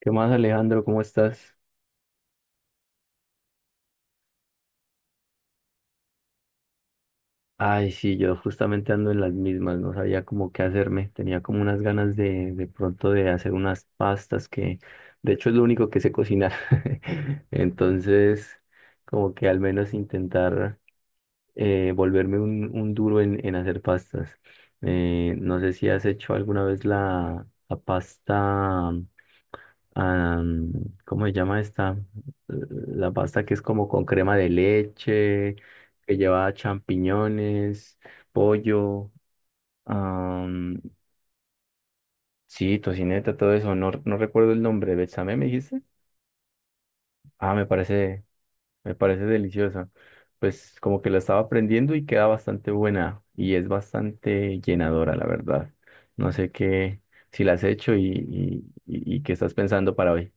¿Qué más, Alejandro? ¿Cómo estás? Ay, sí, yo justamente ando en las mismas, no sabía como qué hacerme, tenía como unas ganas de pronto de hacer unas pastas que, de hecho, es lo único que sé cocinar. Entonces, como que al menos intentar volverme un duro en hacer pastas. No sé si has hecho alguna vez la pasta, am, ¿cómo se llama esta? La pasta que es como con crema de leche, que lleva champiñones, pollo, am, sí, tocineta, todo eso. No, no recuerdo el nombre. ¿Bechamé me dijiste? Ah, me parece deliciosa. Pues como que la estaba aprendiendo y queda bastante buena y es bastante llenadora, la verdad. No sé qué, si la has hecho y qué estás pensando para hoy.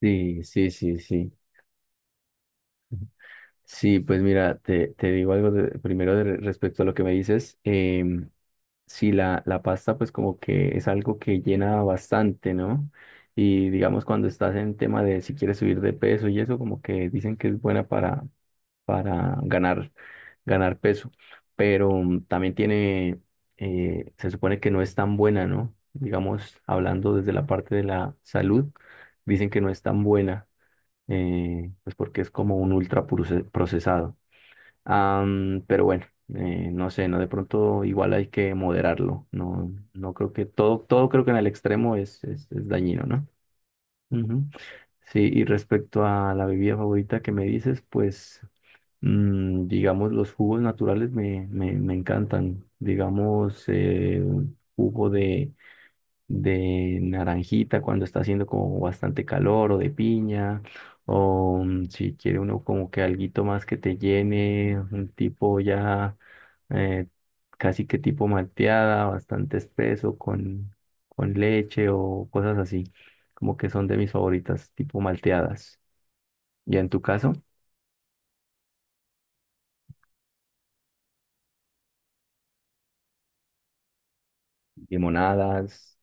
Sí, sí, sí, sí. Sí, pues mira, te digo algo de- primero de- respecto a lo que me dices. Sí, la pasta pues como que es algo que llena bastante, ¿no? Y digamos cuando estás en tema de si quieres subir de peso y eso como que dicen que es buena para ganar, ganar peso, pero también tiene, se supone que no es tan buena, ¿no? Digamos, hablando desde la parte de la salud, dicen que no es tan buena, pues porque es como un ultra procesado. Pero bueno, no sé, no de pronto igual hay que moderarlo. No, no creo que todo, todo creo que en el extremo es dañino, ¿no? Ujú. Sí, y respecto a la bebida favorita que me dices, pues digamos los jugos naturales me encantan. Digamos un jugo de naranjita cuando está haciendo como bastante calor o de piña. O si quiere uno como que alguito más que te llene, un tipo ya eh, casi que tipo malteada, bastante espeso con leche o cosas así, como que son de mis favoritas, tipo malteadas. Y en tu caso, limonadas,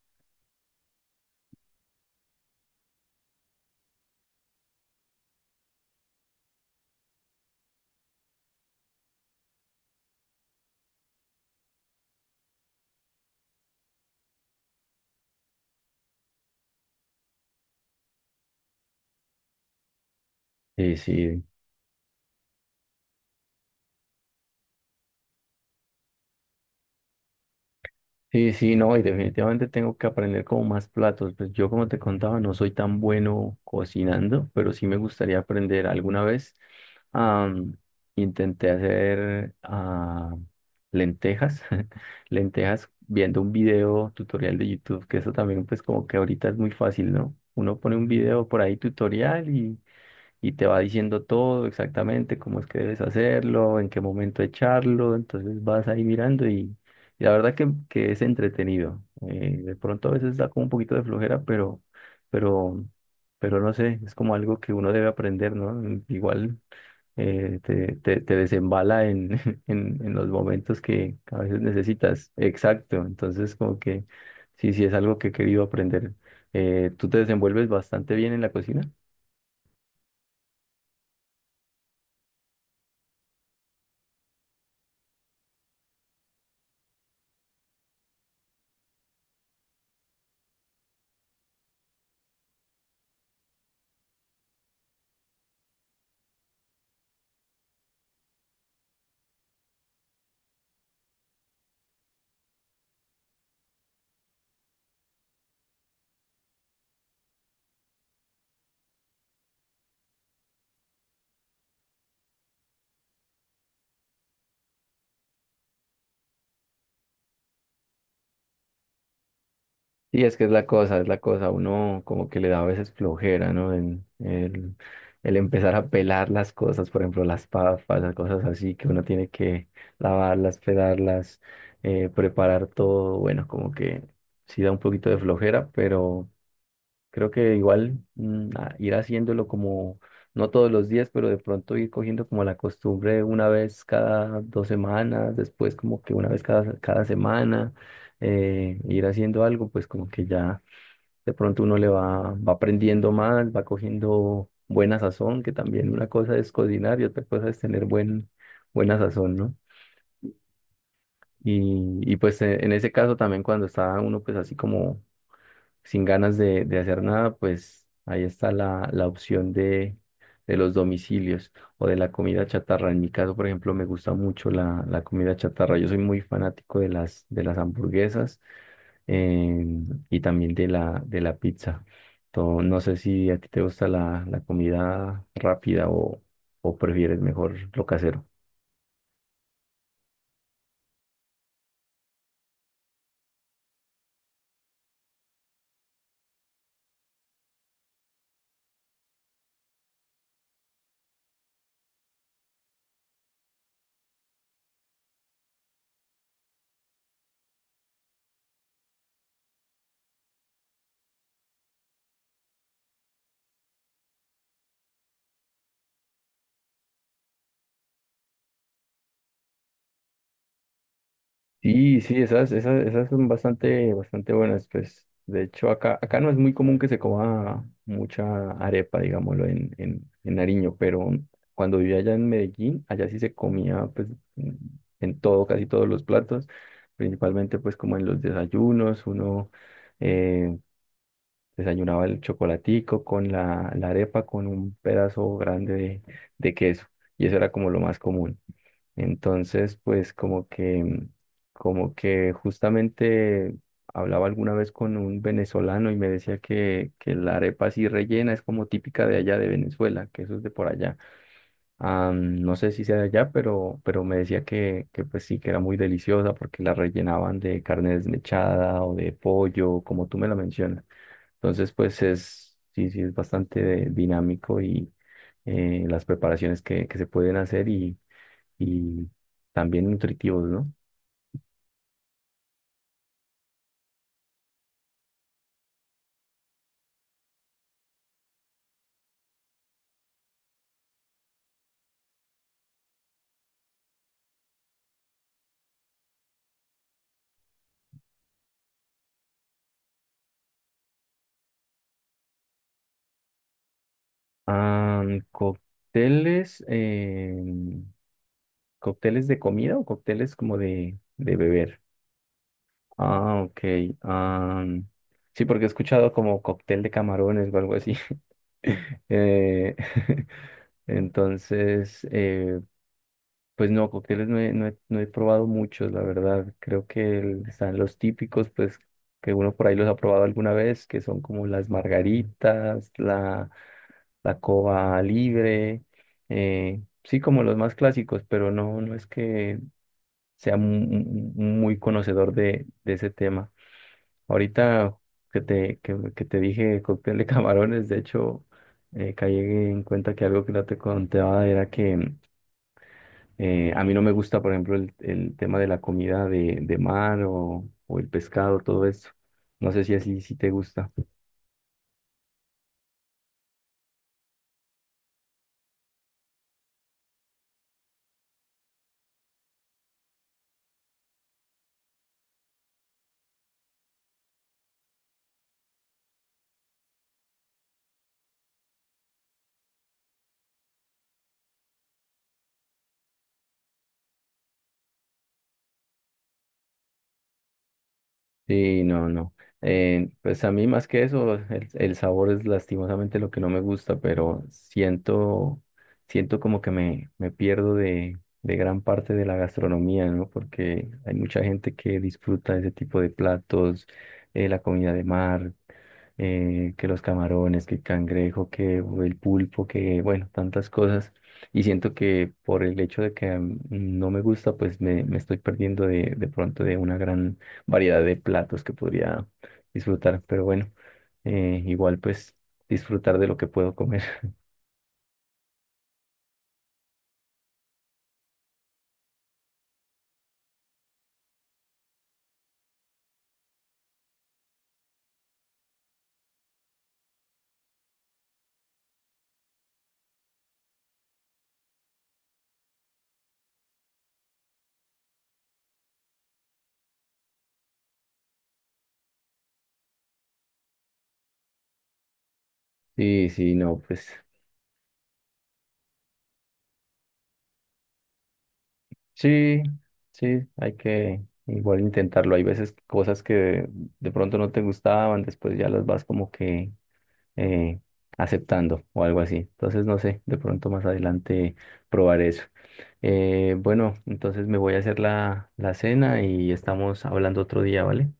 sí, sí. Sí, sí, no, y definitivamente tengo que aprender como más platos. Pues yo, como te contaba, no soy tan bueno cocinando, pero sí me gustaría aprender alguna vez. am, Intenté hacer lentejas, lentejas viendo un video tutorial de YouTube, que eso también pues como que ahorita es muy fácil, ¿no? Uno pone un video por ahí tutorial y te va diciendo todo exactamente, cómo es que debes hacerlo, en qué momento echarlo, entonces vas ahí mirando y la verdad que es entretenido. De pronto a veces da como un poquito de flojera, pero, pero no sé, es como algo que uno debe aprender, ¿no? Igual te desembala en, en los momentos que a veces necesitas. Exacto, entonces como que sí, sí es algo que he querido aprender. ¿Tú te desenvuelves bastante bien en la cocina? Y es que es la cosa, uno como que le da a veces flojera, ¿no? El empezar a pelar las cosas, por ejemplo, las papas, las cosas así, que uno tiene que lavarlas, pelarlas, preparar todo, bueno, como que sí da un poquito de flojera, pero creo que igual a- ir haciéndolo como, no todos los días, pero de pronto ir cogiendo como la costumbre una vez cada dos semanas, después como que una vez cada semana, ir haciendo algo, pues como que ya de pronto uno le va aprendiendo más, va cogiendo buena sazón, que también una cosa es cocinar y otra cosa es tener buena sazón, ¿no? Y pues en ese caso también cuando está uno pues así como sin ganas de hacer nada, pues ahí está la opción de los domicilios o de la comida chatarra. En mi caso, por ejemplo, me gusta mucho la comida chatarra. Yo soy muy fanático de de las hamburguesas y también de de la pizza. To- no sé si a ti te gusta la comida rápida o prefieres mejor lo casero. Sí, sí, esas, esas, esas son bastante, bastante buenas, pues. De hecho, acá, acá no es muy común que se coma mucha arepa, digámoslo, en Nariño, pero cuando vivía allá en Medellín, allá sí se comía, pues, en en todo, casi todos los platos, principalmente, pues, como en los desayunos, uno eh, desayunaba el chocolatico con la arepa, con un pedazo grande de queso, y eso era como lo más común. Entonces, pues como que justamente hablaba alguna vez con un venezolano y me decía que la arepa así rellena es como típica de allá de Venezuela, que eso es de por allá. Ah, no sé si sea de allá, pero me decía que pues sí, que era muy deliciosa porque la rellenaban de carne desmechada o de pollo, como tú me lo mencionas. Entonces, pues es, sí, sí, es bastante dinámico y las preparaciones que se pueden hacer y también nutritivos, ¿no? Ah, cócteles, cócteles de comida o cócteles como de beber. Ah, ok. ah, sí, porque he escuchado como cóctel de camarones o algo así. Eh, entonces, pues no, cócteles no he, no he, no he probado muchos, la verdad. Creo que el- están los típicos, pues que uno por ahí los ha probado alguna vez, que son como las margaritas, la cova libre, sí, como los más clásicos, pero no, no es que sea mu- mu- muy conocedor de ese tema. Ahorita que te dije cóctel de camarones, de hecho, caí en cuenta que algo que no te contaba era que... a mí no me gusta, por ejemplo, el tema de la comida de mar o el pescado, todo eso. No sé si así sí te gusta. Sí, no, no. Pues a mí más que eso, el sabor es lastimosamente lo que no me gusta, pero siento, siento como que me pierdo de gran parte de la gastronomía, ¿no? Porque hay mucha gente que disfruta ese tipo de platos, la comida de mar, que los camarones, que el cangrejo, que el pulpo, que bueno, tantas cosas. Y siento que por el hecho de que no me gusta, pues me estoy perdiendo de pronto de una gran variedad de platos que podría disfrutar, pero bueno, igual pues disfrutar de lo que puedo comer. Sí, sí, no, pues sí, sí, hay que igual intentarlo. Hay veces cosas que de pronto no te gustaban, después ya las vas como que eh, aceptando o algo así. Entonces, no sé, de pronto más adelante probar eso. Bueno, entonces me voy a hacer la cena y estamos hablando otro día, ¿vale?